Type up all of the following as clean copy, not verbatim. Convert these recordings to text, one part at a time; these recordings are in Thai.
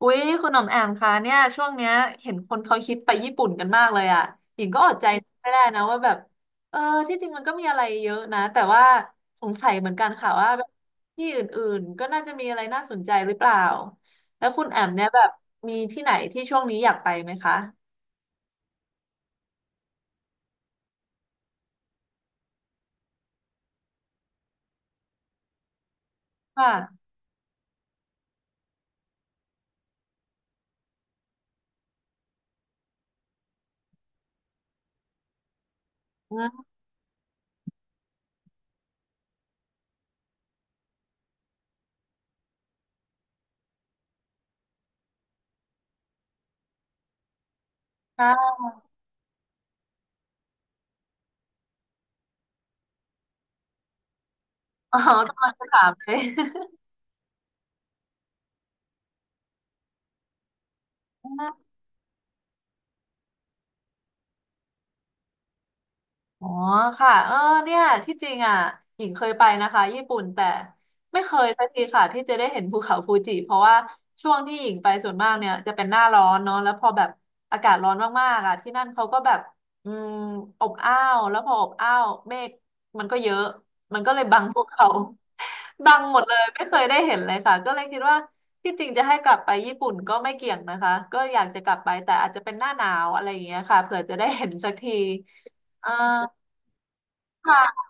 อุ๊ยคุณหน่อมแอมคะเนี่ยช่วงเนี้ยเห็นคนเขาคิดไปญี่ปุ่นกันมากเลยอ่ะหญิงก็อดใจไม่ได้นะว่าแบบเออที่จริงมันก็มีอะไรเยอะนะแต่ว่าสงสัยเหมือนกันค่ะว่าแบบที่อื่นๆก็น่าจะมีอะไรน่าสนใจหรือเปล่าแล้วคุณแอมเนี่ยแบบมีที่ไหนที่ช่วงนี้อยากไปไหมคะค่ะอืมค่ะ อ๋อกำลังจะถามเลย อ๋อค่ะเออเนี่ยที่จริงอ่ะหญิงเคยไปนะคะญี่ปุ่นแต่ไม่เคยสักทีค่ะที่จะได้เห็นภูเขาฟูจิเพราะว่าช่วงที่หญิงไปส่วนมากเนี่ยจะเป็นหน้าร้อนเนาะแล้วพอแบบอากาศร้อนมากๆอ่ะที่นั่นเขาก็แบบอืมอบอ้าวแล้วพออบอ้าวเมฆมันก็เยอะมันก็เลยบังภูเขา บังหมดเลยไม่เคยได้เห็นเลยค่ะก็เลยคิดว่าที่จริงจะให้กลับไปญี่ปุ่นก็ไม่เกี่ยงนะคะก็อยากจะกลับไปแต่อาจจะเป็นหน้าหนาวอะไรอย่างเงี้ยค่ะเผื่อจะได้เห็นสักทีอ่า ค่ะ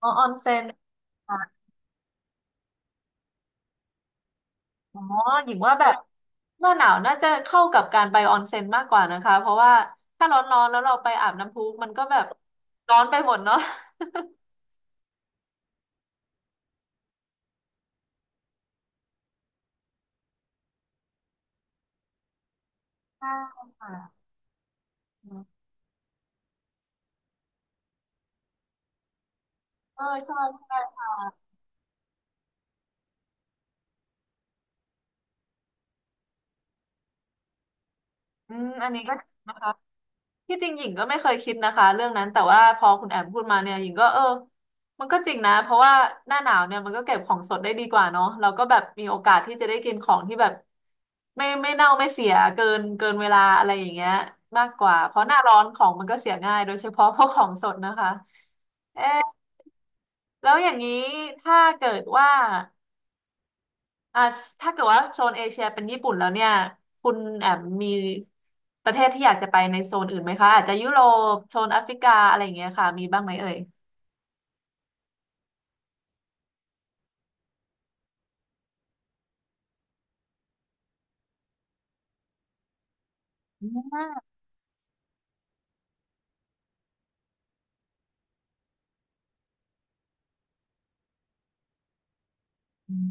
อ๋อออนเซ็นค่ะอ๋อหญิงว่าแบบหน้าหนาวน่าจะเข้ากับการไปออนเซ็นมากกว่านะคะเพราะว่าถ้าร้อนๆแล้วเราไปอาบน้ำพุมันก็แบบร้อนไปหมดเนาะใช่ค่ะเออใช่ใช่ค่ะอืมอันนี้ก็ดีนะคะ ที่จริงหญิงก็ไม่เคยคิดนะคะเรื่องนั้นแต่ว่าพอคุณแอมพูดมาเนี่ยหญิงก็เออมันก็จริงนะเพราะว่าหน้าหนาวเนี่ยมันก็เก็บของสดได้ดีกว่าเนาะเราก็แบบมีโอกาสที่จะได้กินของที่แบบไม่เน่าไม่เสียเกินเวลาอะไรอย่างเงี้ยมากกว่าเพราะหน้าร้อนของมันก็เสียง่ายโดยเฉพาะพวกของสดนะคะเอ๊ะแล้วอย่างนี้ถ้าเกิดว่า อ่าถ้าเกิดว่าโซนเอเชียเป็นญี่ปุ่นแล้วเนี่ยคุณแอมมีประเทศที่อยากจะไปในโซนอื่นไหมคะอาจจะยุโรปโซนแอฟริกาอะไรอย่างเงี้ยค่ะมีบ้างไหมเอ่ยอื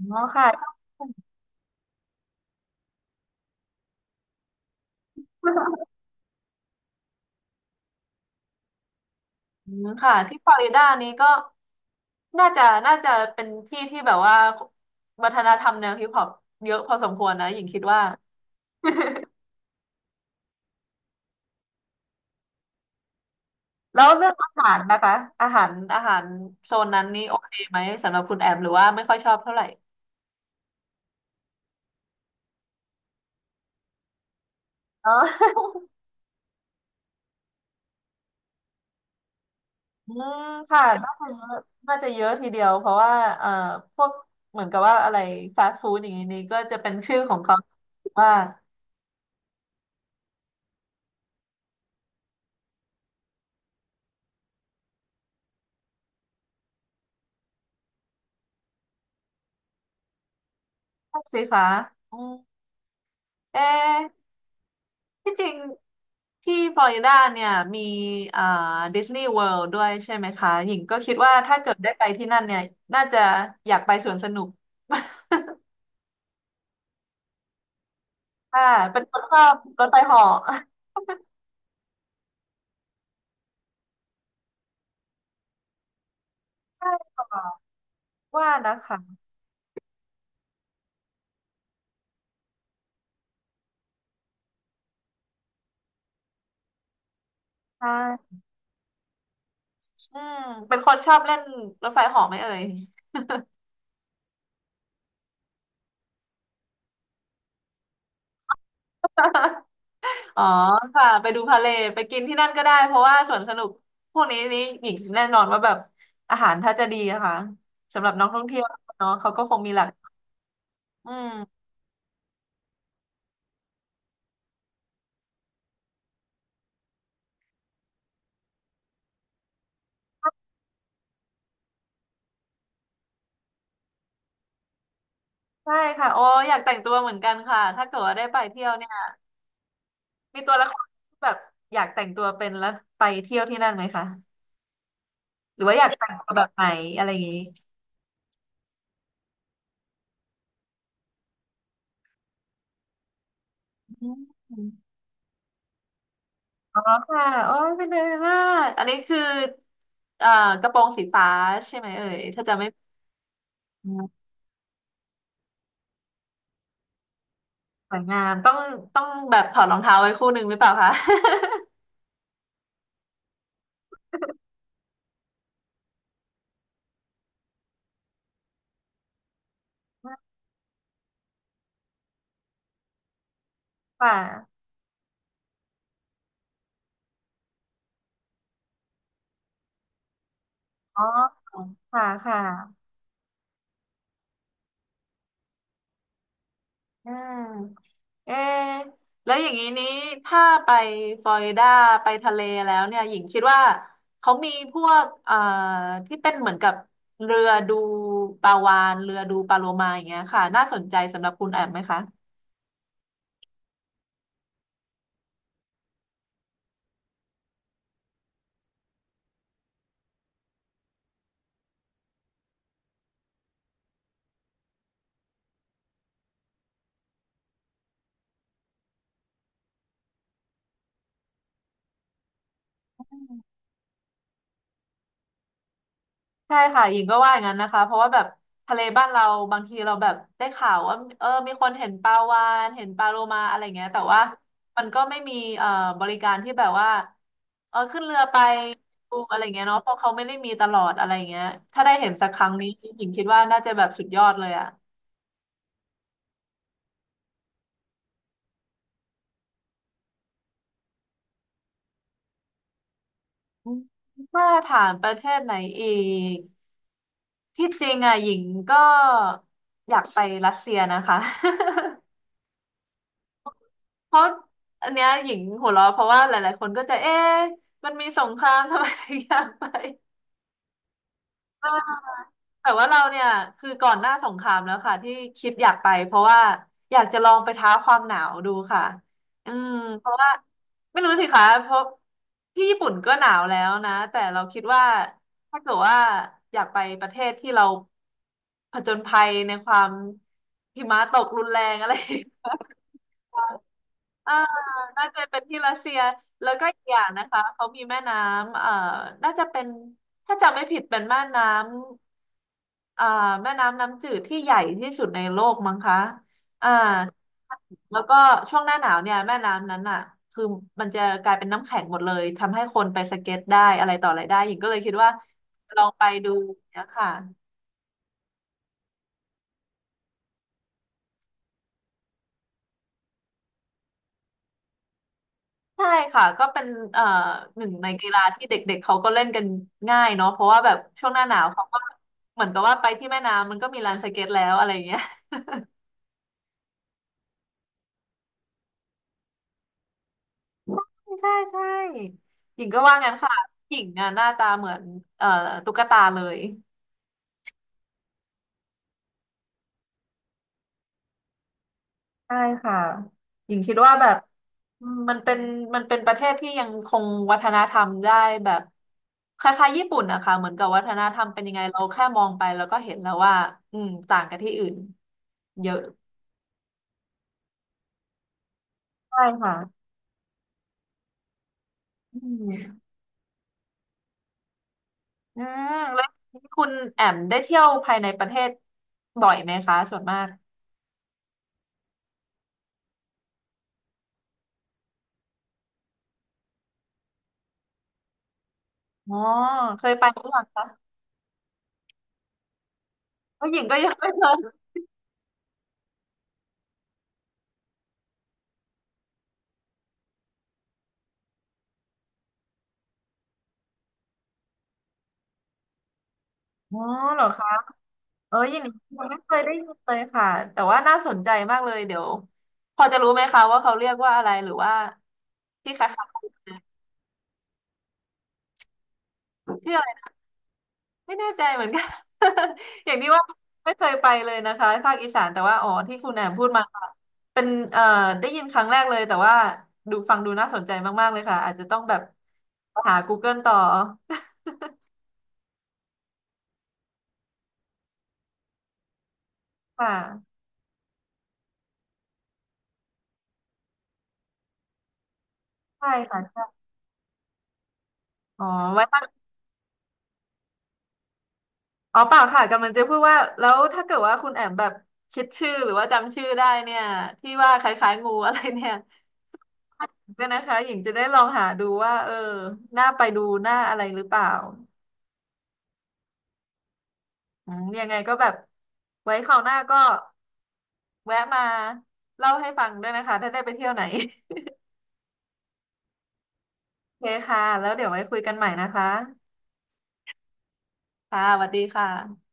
มอ๋อค่ะอืมค่ะที่ฟลอริดานี้ก็น่าจะเป็นที่ที่แบบว่าวัฒนธรรมแนวฮิปฮอปเยอะพอสมควรนะหญิงคิดว่า แล้วเรื่องอาหารนะคะอาหารโซนนั้นนี้โอเคไหมสำหรับคุณแอมหรือว่าไม่ค่อยชอบเท่าไหร่อ๋อ อืมค่ะน่าจะเยอะน่าจะเยอะทีเดียวเพราะว่าเอ่อพวกเหมือนกับว่าอะไรฟาสต์ฟู้ดอย่างนี้นี่ก็จะเป็นชื่อของเขาว่าพวกสิคะอืมเอ๊ะที่จริงที่ฟลอริดาเนี่ยมีเอ่อดิสนีย์เวิลด์ด้วยใช่ไหมคะหญิงก็คิดว่าถ้าเกิดได้ไปที่นั่นเนี่ยน่าจะอยากไปสวนสนุก ค่ะเป็นคนชอบรถไฟเหาะใช่ค่ะว่า นะคะใช่อืมเป็นคนชอบเล่นรถไฟเหาะไหมเอ่ย อ๋อค่ะไปดูพาเลทไปกินที่นั่นก็ได้เพราะว่าสวนสนุกพวกนี้นี่หญิงแน่นอนว่าแบบอาหารถ้าจะดีนะคะสำหรับนักท่องเที่ยวเนาะเขาก็คงมีหลักอืมใช่ค่ะโอ้อยากแต่งตัวเหมือนกันค่ะถ้าเกิดว่าได้ไปเที่ยวเนี่ยมีตัวละครที่แบบอยากแต่งตัวเป็นแล้วไปเที่ยวที่นั่นไหมคะหรือว่าอยากแต่งตัวแบบไหนอะไรอย่างนี้อืมค่ะโอ้ยเป็นเลยมากอันนี้คือเอ่อกระโปรงสีฟ้าใช่ไหมเอ่ยถ้าจะไม่ สวยงามต้องแบบถอดรองเท้าไว้คู่หนึ่งหรือเปล่าคะ ค่ะอ๋อค่ะค่ะอืมเอะแล้วอย่างนี้นี้ถ้าไปฟลอริดาไปทะเลแล้วเนี่ยหญิงคิดว่าเขามีพวกที่เป็นเหมือนกับเรือดูปลาวาฬเรือดูปลาโลมาอย่างเงี้ยค่ะน่าสนใจสำหรับคุณแอมไหมคะ ใช่ค่ะหญิงก็ว่าอย่างนั้นนะคะเพราะว่าแบบทะเลบ้านเราบางทีเราแบบได้ข่าวว่าเออมีคนเห็นปลาวาฬเห็นปลาโลมาอะไรเงี้ยแต่ว่ามันก็ไม่มีบริการที่แบบว่าเออขึ้นเรือไปดูอะไรเงี้ยเนาะเพราะเขาไม่ได้มีตลอดอะไรเงี้ยถ้าได้เห็นสักครั้งนี้หญิงคิดว่าน่าจะแบบสุดยอดเลยอะอืมถ้าถามประเทศไหนอีกที่จริงอะหญิงก็อยากไปรัสเซียนะคะ เพราะอันเนี้ยหญิงหัวเราะเพราะว่าหลายๆคนก็จะเอ๊ะมันมีสงครามทำไมถึงอยากไปเออแต่ว่าเราเนี่ยคือก่อนหน้าสงครามแล้วค่ะที่คิดอยากไปเพราะว่าอยากจะลองไปท้าความหนาวดูค่ะอืมเพราะว่าไม่รู้สิคะเพราะที่ญี่ปุ่นก็หนาวแล้วนะแต่เราคิดว่าถ้าเกิดว่าอยากไปประเทศที่เราผจญภัยในความหิมะตกรุนแรงอะไร อ่าน่าจะเป็นที่รัสเซียแล้วก็อีกอย่างนะคะเขามีแม่น้ำน่าจะเป็นถ้าจำไม่ผิดเป็นแม่น้ำแม่น้ำน้ำจืดที่ใหญ่ที่สุดในโลกมั้งคะอ่าแล้วก็ช่วงหน้าหนาวเนี่ยแม่น้ำนั้นอ่ะคือมันจะกลายเป็นน้ำแข็งหมดเลยทำให้คนไปสเก็ตได้อะไรต่ออะไรได้หญิงก็เลยคิดว่าลองไปดูเนี่ยค่ะ ใช่ค่ะก็เป็นเอ่อหนึ่งในกีฬาที่เด็กๆเขาก็เล่นกันง่ายเนาะเพราะว่าแบบช่วงหน้าหนาวเขาก็เหมือนกับว่าไปที่แม่น้ำมันก็มีลานสเก็ตแล้วอะไรอย่างเงี้ยใช่ใช่หญิงก็ว่างั้นค่ะหญิงอ่ะหน้าตาเหมือนเอ่อตุ๊กตาเลยใช่ค่ะหญิงคิดว่าแบบอืมมันเป็นประเทศที่ยังคงวัฒนธรรมได้แบบคล้ายๆญี่ปุ่นนะคะเหมือนกับวัฒนธรรมเป็นยังไงเราแค่มองไปแล้วก็เห็นแล้วว่าอืมต่างกันที่อื่นเยอะใช่ค่ะ อืมอืมแล้วคุณแอมได้เที่ยวภายในประเทศบ่อยไหมคะส่วนมากอ๋อเคยไปหรือยังคะผู้หญิงก็ยังไม่เคยอ๋อเหรอคะเอออย่างนี้ยังไม่เคยได้ยินเลยค่ะแต่ว่าน่าสนใจมากเลยเดี๋ยวพอจะรู้ไหมคะว่าเขาเรียกว่าอะไรหรือว่าที่คล้ายๆกันไหม ไม่แน่ใจเหมือนกัน อย่างที่ว่าไม่เคยไปเลยนะคะภาคอีสานแต่ว่าอ๋อที่คุณแอมพูดมาเป็นเอ่อได้ยินครั้งแรกเลยแต่ว่าดูฟังดูน่าสนใจมากๆเลยค่ะอาจจะต้องแบบหา Google ต่อ ค่ะใช่ค่ะใช่อ๋อไว้ตั้งอ๋อเปล่าค่ะกำลังจะพูดว่าแล้วถ้าเกิดว่าคุณแอมแบบคิดชื่อหรือว่าจำชื่อได้เนี่ยที่ว่าคล้ายๆงูอะไรเนี่ยก็นะคะหญิงจะได้ลองหาดูว่าเออน่าไปดูน่าอะไรหรือเปล่า อืมยังไงก็แบบไว้คราวหน้าก็แวะมาเล่าให้ฟังด้วยนะคะถ้าได้ไปเที่ยวไหน โอเคค่ะแล้วเดี๋ยวไว้คุยกันใหม่นะคะค่ะสวัสดีค่ะ